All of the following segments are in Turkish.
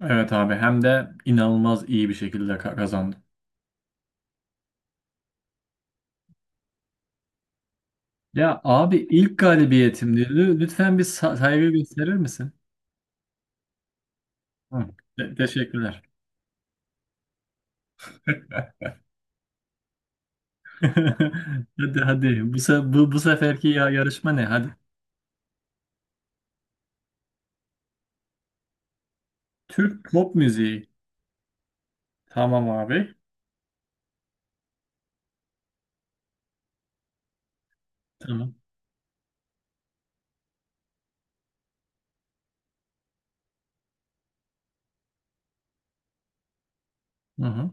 Evet abi, hem de inanılmaz iyi bir şekilde kazandım. Ya abi, ilk galibiyetimdi. Lütfen bir saygı gösterir misin? Hı. Teşekkürler. Hadi hadi, bu seferki yarışma ne hadi. Türk pop müziği. Tamam abi. Tamam. Hı hı.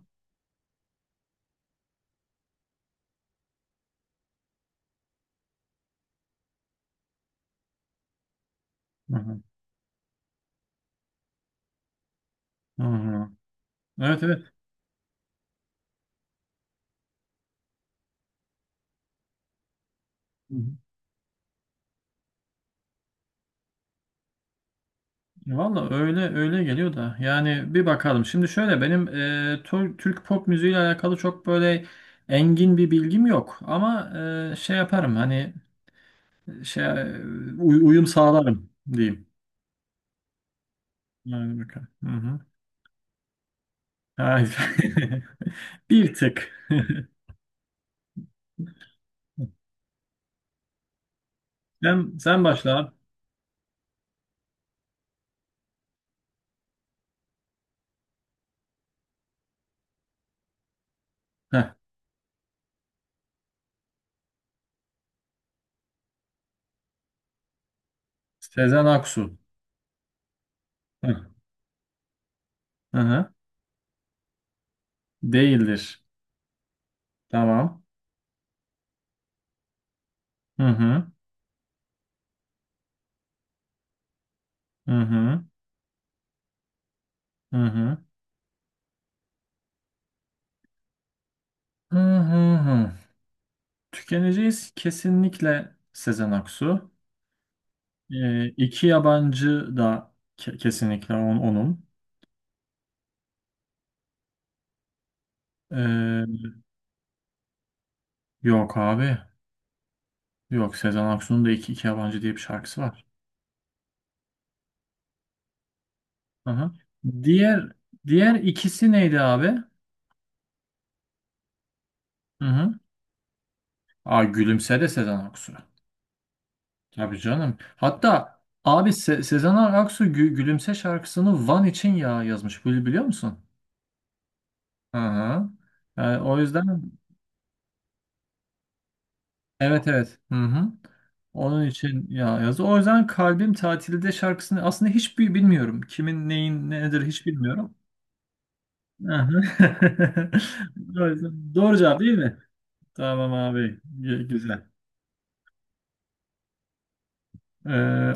Hı hı. Hı hı. Evet evet. Valla, öyle öyle geliyor da yani bir bakalım. Şimdi şöyle benim Türk pop müziğiyle alakalı çok böyle engin bir bilgim yok. Ama şey yaparım hani şey uyum sağlarım diyeyim. Yani bakalım. Hı hı. Hayır. Bir tık. Sen başla abi. Heh. Sezen Aksu. Heh. Hı hı. Değildir. Tamam. Hı hı. Hı hı. Hı hı. Hı hı. Tükeneceğiz kesinlikle Sezen Aksu. İki yabancı da kesinlikle onun. Ee, Yok abi. Yok, Sezen Aksu'nun da iki yabancı diye bir şarkısı var. Hı. Diğer diğer ikisi neydi abi? Hı-hı. Aa, Gülümse de Sezen Aksu. Tabii canım. Hatta abi, Sezen Aksu Gülümse şarkısını Van için ya yazmış. Biliyor musun? Hı-hı. Yani o yüzden. Evet evet. Hı hı. Onun için ya yazı. O yüzden Kalbim Tatilde şarkısını aslında hiç bilmiyorum. Kimin neyin nedir hiç bilmiyorum. Hı hı. O yüzden doğru cevap değil mi? Tamam abi. Güzel. Ee,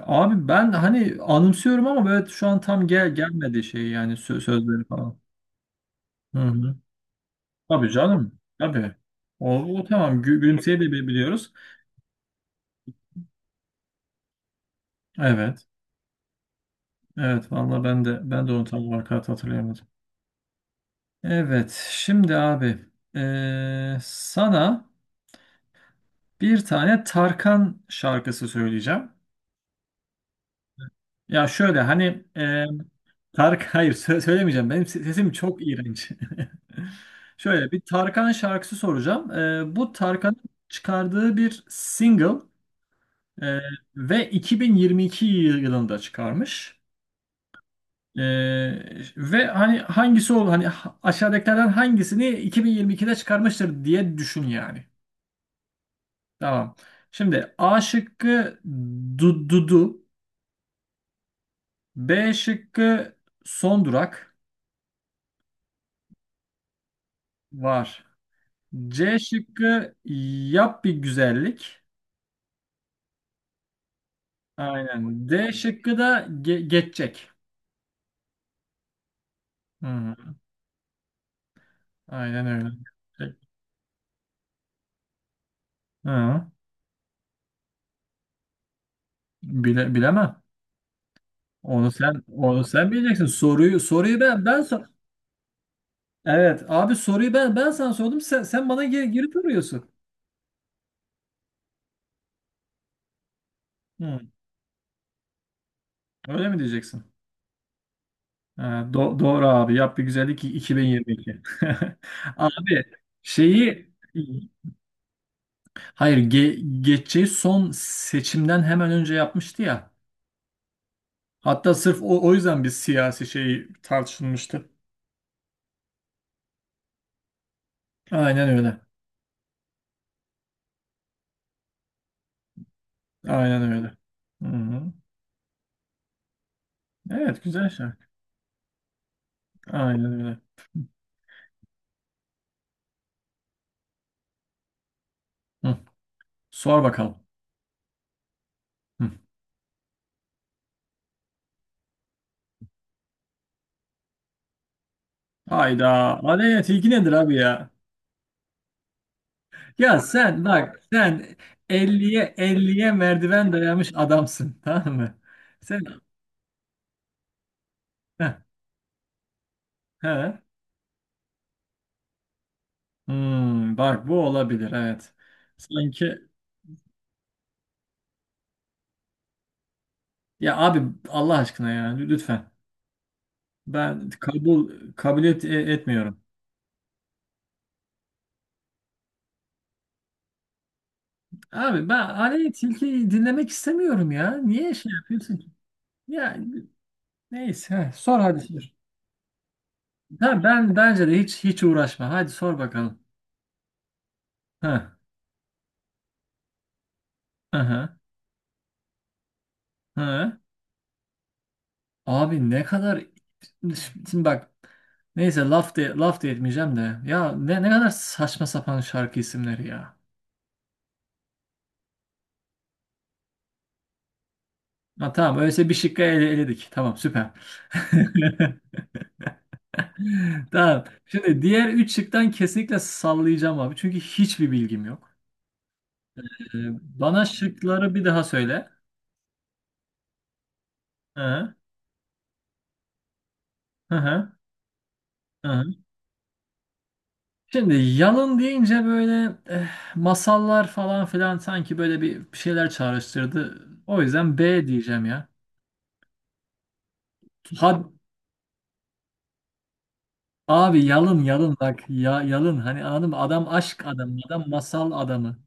Abi, ben hani anımsıyorum ama böyle şu an tam gelmedi şey yani sözleri falan. Hı hı. Tabii canım. Tabii. O tamam. Gülümseyi de biliyoruz. Evet. Evet, vallahi ben de onu tam olarak hatırlayamadım. Evet, şimdi abi, sana bir tane Tarkan şarkısı söyleyeceğim. Ya şöyle hani Tark hayır, söylemeyeceğim. Benim sesim çok iğrenç. Şöyle bir Tarkan şarkısı soracağım. Bu Tarkan'ın çıkardığı bir single, eee, ve 2022 yılında çıkarmış. Ve hani hangisi ol hani ha- aşağıdakilerden hangisini 2022'de çıkarmıştır diye düşün yani. Tamam. Şimdi A şıkkı Dudu. B şıkkı son durak var. C şıkkı yap bir güzellik. Aynen. D şıkkı da geçecek. Hı, aynen öyle. Hı, bilemem. Onu sen bileceksin. Soruyu ben sor. Evet abi, soruyu ben sana sordum. Sen bana geri soruyorsun. Hı, öyle mi diyeceksin? Ee, doğru abi. Yap bir güzellik 2022. Abi şeyi, hayır, geçeceği son seçimden hemen önce yapmıştı ya. Hatta sırf o yüzden bir siyasi şey tartışılmıştı. Aynen öyle. Aynen öyle. Hı-hı. Evet, güzel şarkı. Aynen öyle. Hı. Sor bakalım. Hı. Hayda. Adet ilgi nedir abi ya? Ya sen bak sen, elliye merdiven dayamış adamsın, tamam mı? Sen He. Hmm, bak bu olabilir, evet. Sanki ya abi, Allah aşkına ya lütfen. Ben kabuliyet etmiyorum. Abi, ben hani tilkiyi dinlemek istemiyorum ya. Niye şey yapıyorsun ki? Ya neyse, he, sor hadi sor. Ha, bence de hiç hiç uğraşma. Hadi sor bakalım. Ha. Aha. Ha. Abi, ne kadar şimdi bak, neyse, laf da etmeyeceğim de ya, ne kadar saçma sapan şarkı isimleri ya. Ha, tamam öyleyse bir şıkkı eledik. Tamam, süper. Tamam. Şimdi diğer üç şıktan kesinlikle sallayacağım abi. Çünkü hiçbir bilgim yok. Ee, Bana şıkları bir daha söyle. Hı hı hı. Hı. Şimdi yalın deyince böyle, masallar falan filan sanki böyle bir şeyler çağrıştırdı. O yüzden B diyeceğim ya. Ha abi, yalın yalın bak ya yalın, hani anladın mı? Adam aşk adamı, adam masal adamı.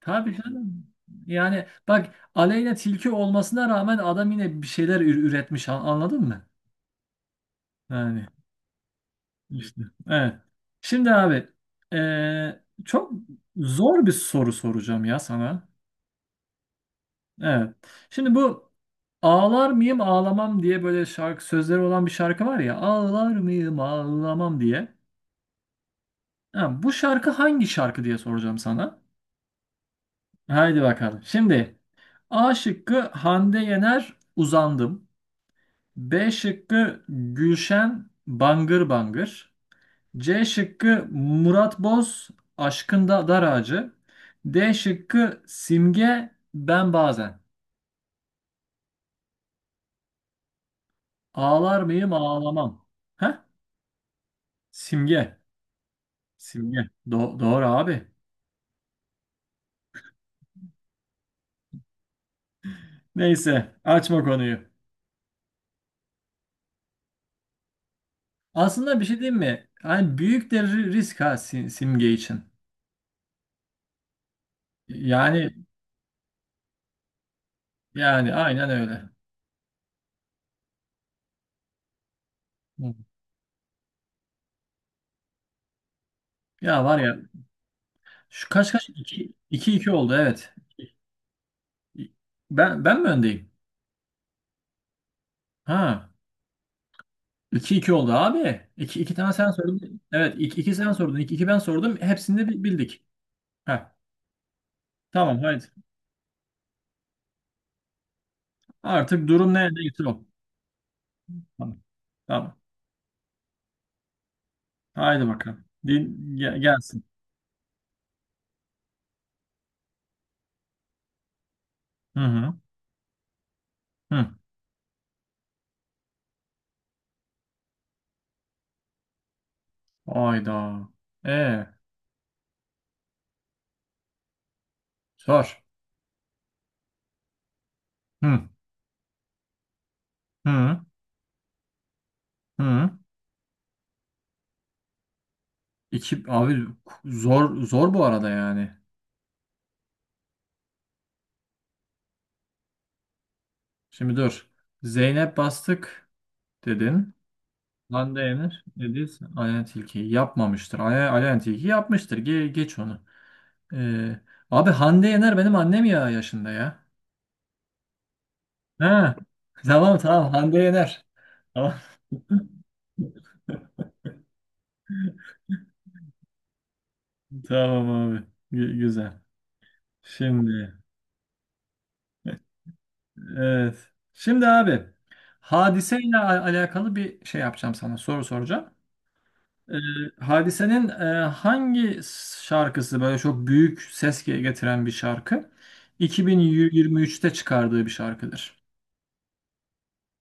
Tabii canım. Yani bak, Aleyna Tilki olmasına rağmen adam yine bir şeyler üretmiş anladın mı? Yani işte. Evet. Şimdi abi, çok zor bir soru soracağım ya sana. Evet. Şimdi bu ağlar mıyım ağlamam diye böyle şarkı sözleri olan bir şarkı var ya, ağlar mıyım ağlamam diye. Ha, bu şarkı hangi şarkı diye soracağım sana. Haydi bakalım. Şimdi A şıkkı Hande Yener uzandım. B şıkkı Gülşen Bangır Bangır. C şıkkı Murat Boz Aşkında Dar Ağacı. D şıkkı Simge Ben Bazen. Ağlar mıyım ağlamam. Heh? Simge. Simge. Doğru abi. Neyse, açma konuyu. Aslında bir şey diyeyim mi? Hani büyük de risk, ha, Simge için. Yani yani aynen öyle. Hı. Ya var ya, şu kaç kaç, 2 2 oldu, evet. Ben mi öndeyim? Ha. iki iki oldu abi. İki 2 tane sen sordun. Evet, iki sen sordun, iki ben sordum. Hepsini de bildik. Ha. Tamam, haydi. Artık durum nerede neyse o. Tamam. Tamam. Haydi bakalım. Gelsin. Hı hı. Hı. Hayda. E, Sor. Hı hı hı. İki abi, zor zor bu arada yani. Şimdi dur. Zeynep Bastık dedin. Hande Yener, Ediz, Ayhan Tilki'yi yapmamıştır. Ayhan Tilki yapmıştır. Geç onu. Ee, Abi, Hande Yener benim annem ya yaşında ya. Ha. Tamam tamam, Hande Yener. Tamam, tamam abi. Güzel. Şimdi e, evet. Şimdi abi, hadiseyle alakalı bir şey yapacağım sana. Soru soracağım. Ee, Hadise'nin hangi şarkısı böyle çok büyük ses getiren bir şarkı? 2023'te çıkardığı bir şarkıdır.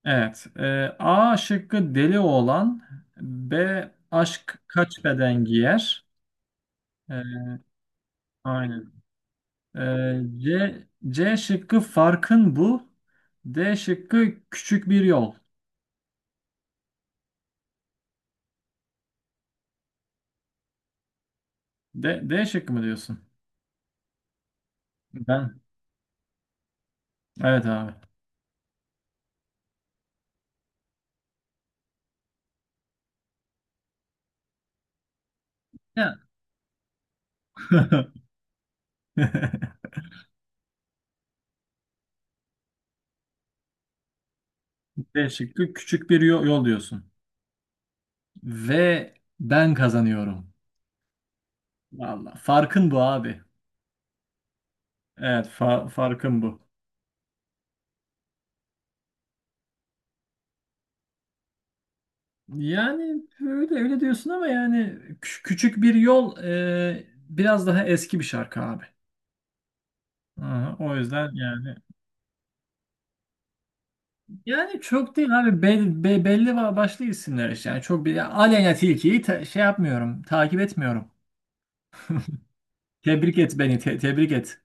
Evet. A şıkkı deli oğlan. B aşk kaç beden giyer. E, aynen. C şıkkı farkın bu. D şıkkı küçük bir yol. D şıkkı mı diyorsun? Ben. Evet abi. Ya. D şıkkı küçük bir yol diyorsun. Ve ben kazanıyorum. Vallahi farkın bu abi. Evet, farkın bu. Yani, öyle öyle diyorsun ama yani küçük bir yol, biraz daha eski bir şarkı abi. Aha, o yüzden yani çok değil abi, belli başlı isimler işte. Yani çok bir Aleyna Tilki'yi şey yapmıyorum, takip etmiyorum. Tebrik et beni, tebrik et.